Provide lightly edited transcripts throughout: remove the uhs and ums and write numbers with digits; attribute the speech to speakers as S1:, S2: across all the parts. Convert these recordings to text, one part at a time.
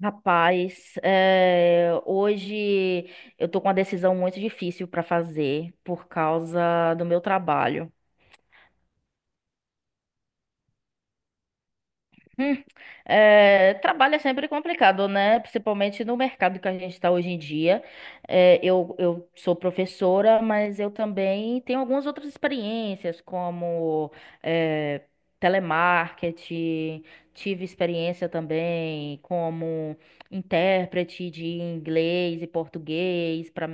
S1: Rapaz, hoje eu tô com uma decisão muito difícil para fazer por causa do meu trabalho. Hum, Trabalho é sempre complicado, né? Principalmente no mercado que a gente está hoje em dia. Eu sou professora, mas eu também tenho algumas outras experiências, como é, telemarketing, tive experiência também como intérprete de inglês e português para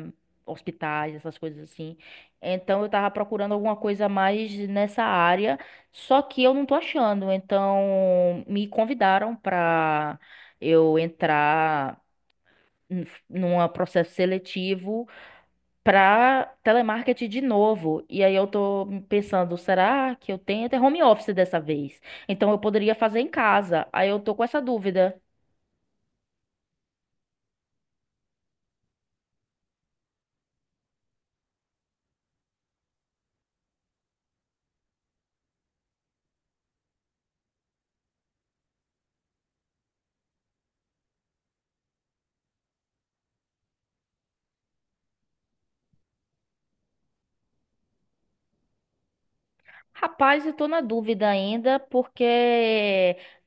S1: hospitais, essas coisas assim. Então eu estava procurando alguma coisa mais nessa área. Só que eu não tô achando, então me convidaram pra eu entrar num processo seletivo pra telemarketing de novo. E aí eu tô pensando, será que eu tenho até home office dessa vez? Então eu poderia fazer em casa. Aí eu tô com essa dúvida. Rapaz, eu tô na dúvida ainda, porque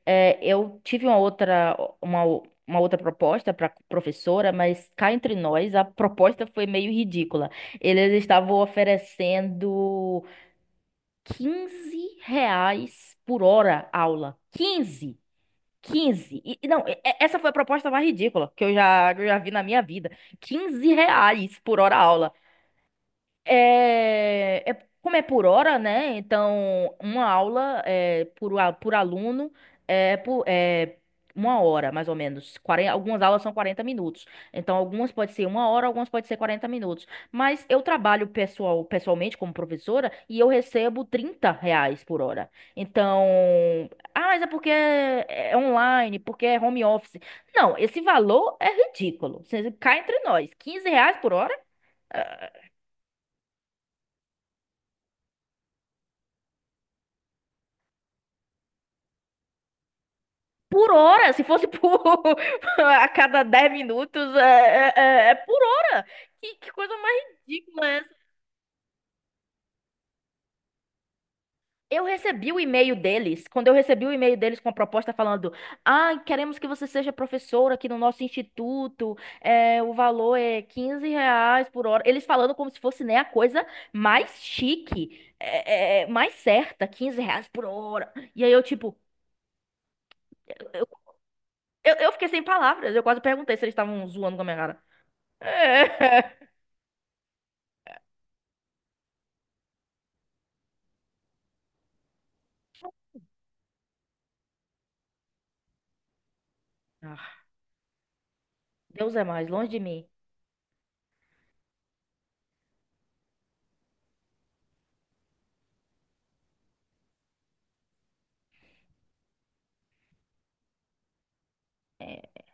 S1: eu tive uma outra proposta para professora, mas cá entre nós, a proposta foi meio ridícula. Eles estavam oferecendo R$ 15 por hora aula. 15, 15. E não, essa foi a proposta mais ridícula que que eu já vi na minha vida. R$ 15 por hora aula. Como é por hora, né? Então, uma aula é, por aluno, é uma hora, mais ou menos. 40, algumas aulas são 40 minutos. Então, algumas pode ser uma hora, algumas pode ser 40 minutos. Mas eu trabalho pessoalmente como professora e eu recebo R$ 30 por hora. Então, mas é porque é online, porque é home office. Não, esse valor é ridículo. Você cai entre nós. R$ 15 por hora? Por hora, se fosse por a cada 10 minutos, é por hora. Que coisa mais ridícula é essa? Eu recebi o e-mail deles, quando eu recebi o e-mail deles com a proposta falando: queremos que você seja professora aqui no nosso instituto, o valor é R$ 15 por hora. Eles falando como se fosse né, a coisa mais chique, mais certa, R$ 15 por hora. E aí eu, tipo, eu, eu fiquei sem palavras, eu quase perguntei se eles estavam zoando com a minha cara. É. Ah, Deus é mais, longe de mim. É,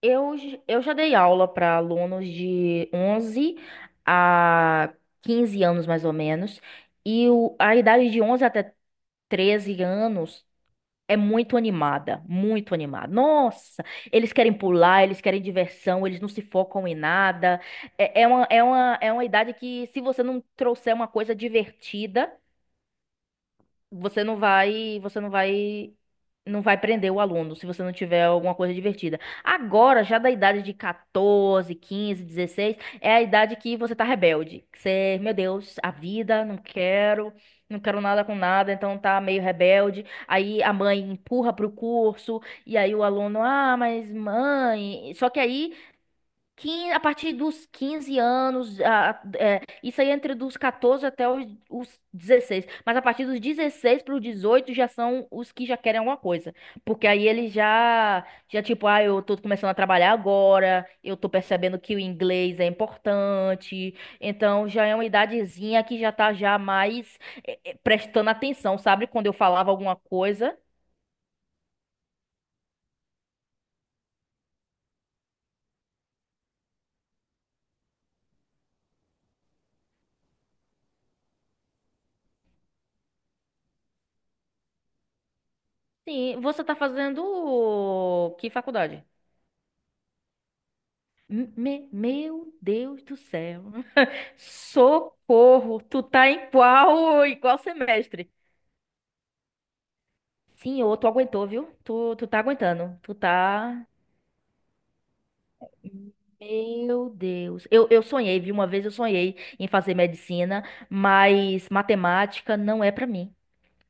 S1: eu já dei aula para alunos de 11 a 15 anos, mais ou menos, e a idade de 11 até 13 anos é muito animada, muito animada. Nossa, eles querem pular, eles querem diversão, eles não se focam em nada. É uma idade que, se você não trouxer uma coisa divertida, você não vai, não vai prender o aluno se você não tiver alguma coisa divertida. Agora, já da idade de 14, 15, 16 é a idade que você tá rebelde. Meu Deus, a vida, não quero nada com nada, então tá meio rebelde. Aí a mãe empurra pro curso, e aí o aluno, ah, mas mãe. Só que aí a partir dos 15 anos, isso aí é entre dos 14 até os 16. Mas a partir dos 16 para os 18 já são os que já querem alguma coisa. Porque aí eles já tipo, ah, eu tô começando a trabalhar agora, eu tô percebendo que o inglês é importante. Então já é uma idadezinha que já tá já mais prestando atenção, sabe? Quando eu falava alguma coisa. Sim, você tá fazendo que faculdade? Meu Deus do céu. Socorro! Tu tá em qual semestre? Senhor, tu aguentou, viu? Tu tá aguentando. Tu tá. Meu Deus. Eu sonhei, viu? Uma vez eu sonhei em fazer medicina, mas matemática não é pra mim.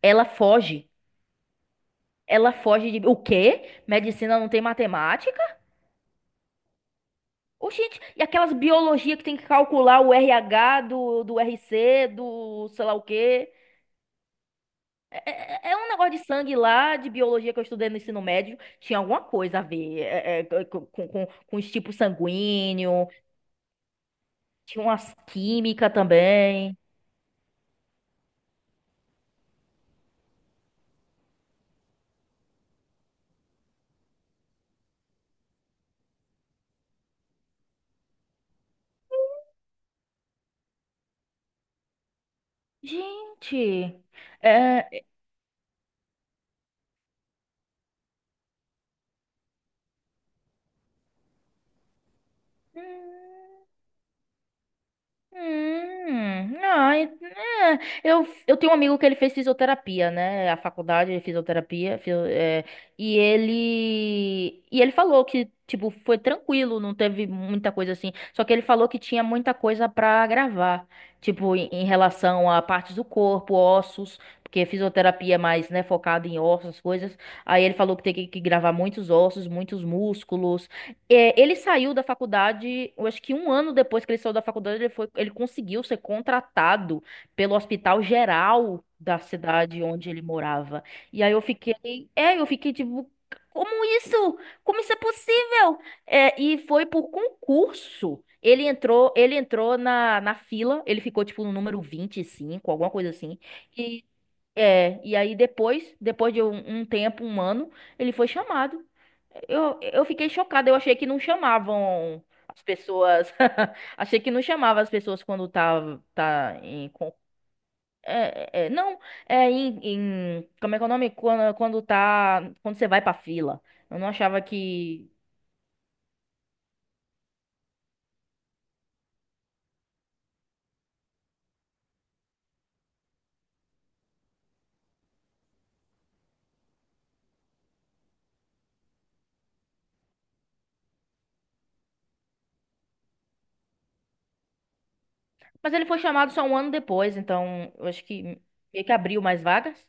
S1: Ela foge. Ela foge de. O quê? Medicina não tem matemática? Oxente, e aquelas biologia que tem que calcular o RH do RC, do sei lá o quê? É um negócio de sangue lá, de biologia que eu estudei no ensino médio, tinha alguma coisa a ver com os tipos sanguíneos, tinha umas química também. Gente, é, hum. Hum, ah, e- eu tenho um amigo que ele fez fisioterapia, né? A faculdade de fisioterapia, e ele falou que tipo foi tranquilo, não teve muita coisa assim. Só que ele falou que tinha muita coisa pra gravar, tipo em relação a partes do corpo, ossos, porque fisioterapia é mais, né, focada em ossos, essas coisas. Aí ele falou que tem que gravar muitos ossos, muitos músculos. Ele saiu da faculdade, eu acho que um ano depois que ele saiu da faculdade, ele conseguiu ser contratado pelo Hospital Geral da cidade onde ele morava. E aí eu fiquei tipo, como isso? Como isso é possível? E foi por concurso. Ele entrou na fila, ele ficou tipo no número 25, alguma coisa assim. E, e aí depois de um tempo, um ano, ele foi chamado. Eu fiquei chocada, eu achei que não chamavam as pessoas. Achei que não chamava as pessoas quando tá em. Não, é em. Como é que é o nome? Quando, quando tá. Quando você vai pra fila. Eu não achava que. Mas ele foi chamado só um ano depois, então eu acho que meio que abriu mais vagas.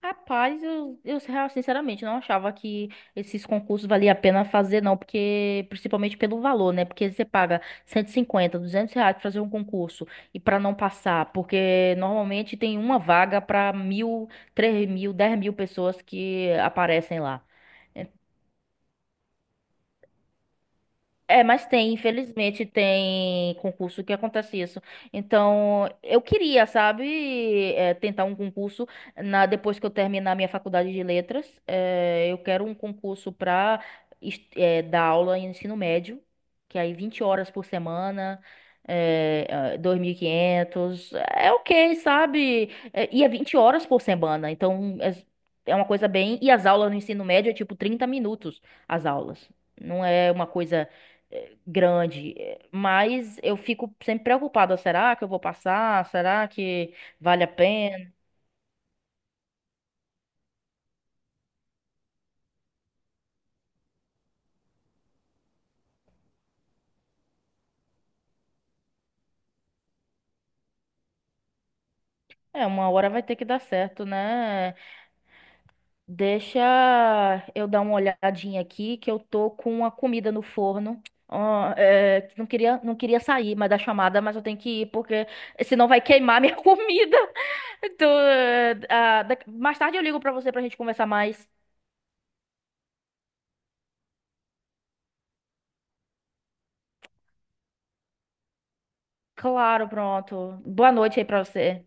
S1: Rapaz, eu sinceramente não achava que esses concursos valia a pena fazer, não, porque principalmente pelo valor, né? Porque você paga 150 R$ 200 pra fazer um concurso e pra não passar, porque normalmente tem uma vaga pra 1.000, 3.000, 10.000 pessoas que aparecem lá. Mas tem, infelizmente, tem concurso que acontece isso. Então, eu queria, sabe, tentar um concurso na depois que eu terminar minha faculdade de letras. Eu quero um concurso para dar aula em ensino médio, que é aí 20 horas por semana, é, 2.500, é ok, sabe? E é 20 horas por semana, então é uma coisa bem... E as aulas no ensino médio é tipo 30 minutos, as aulas. Não é uma coisa grande, mas eu fico sempre preocupada, será que eu vou passar? Será que vale a pena? Uma hora vai ter que dar certo, né? Deixa eu dar uma olhadinha aqui que eu tô com uma comida no forno. Ó, não queria sair, mas da chamada, mas eu tenho que ir porque senão vai queimar minha comida. Então, mais tarde eu ligo pra você pra gente conversar mais. Claro, pronto. Boa noite aí pra você.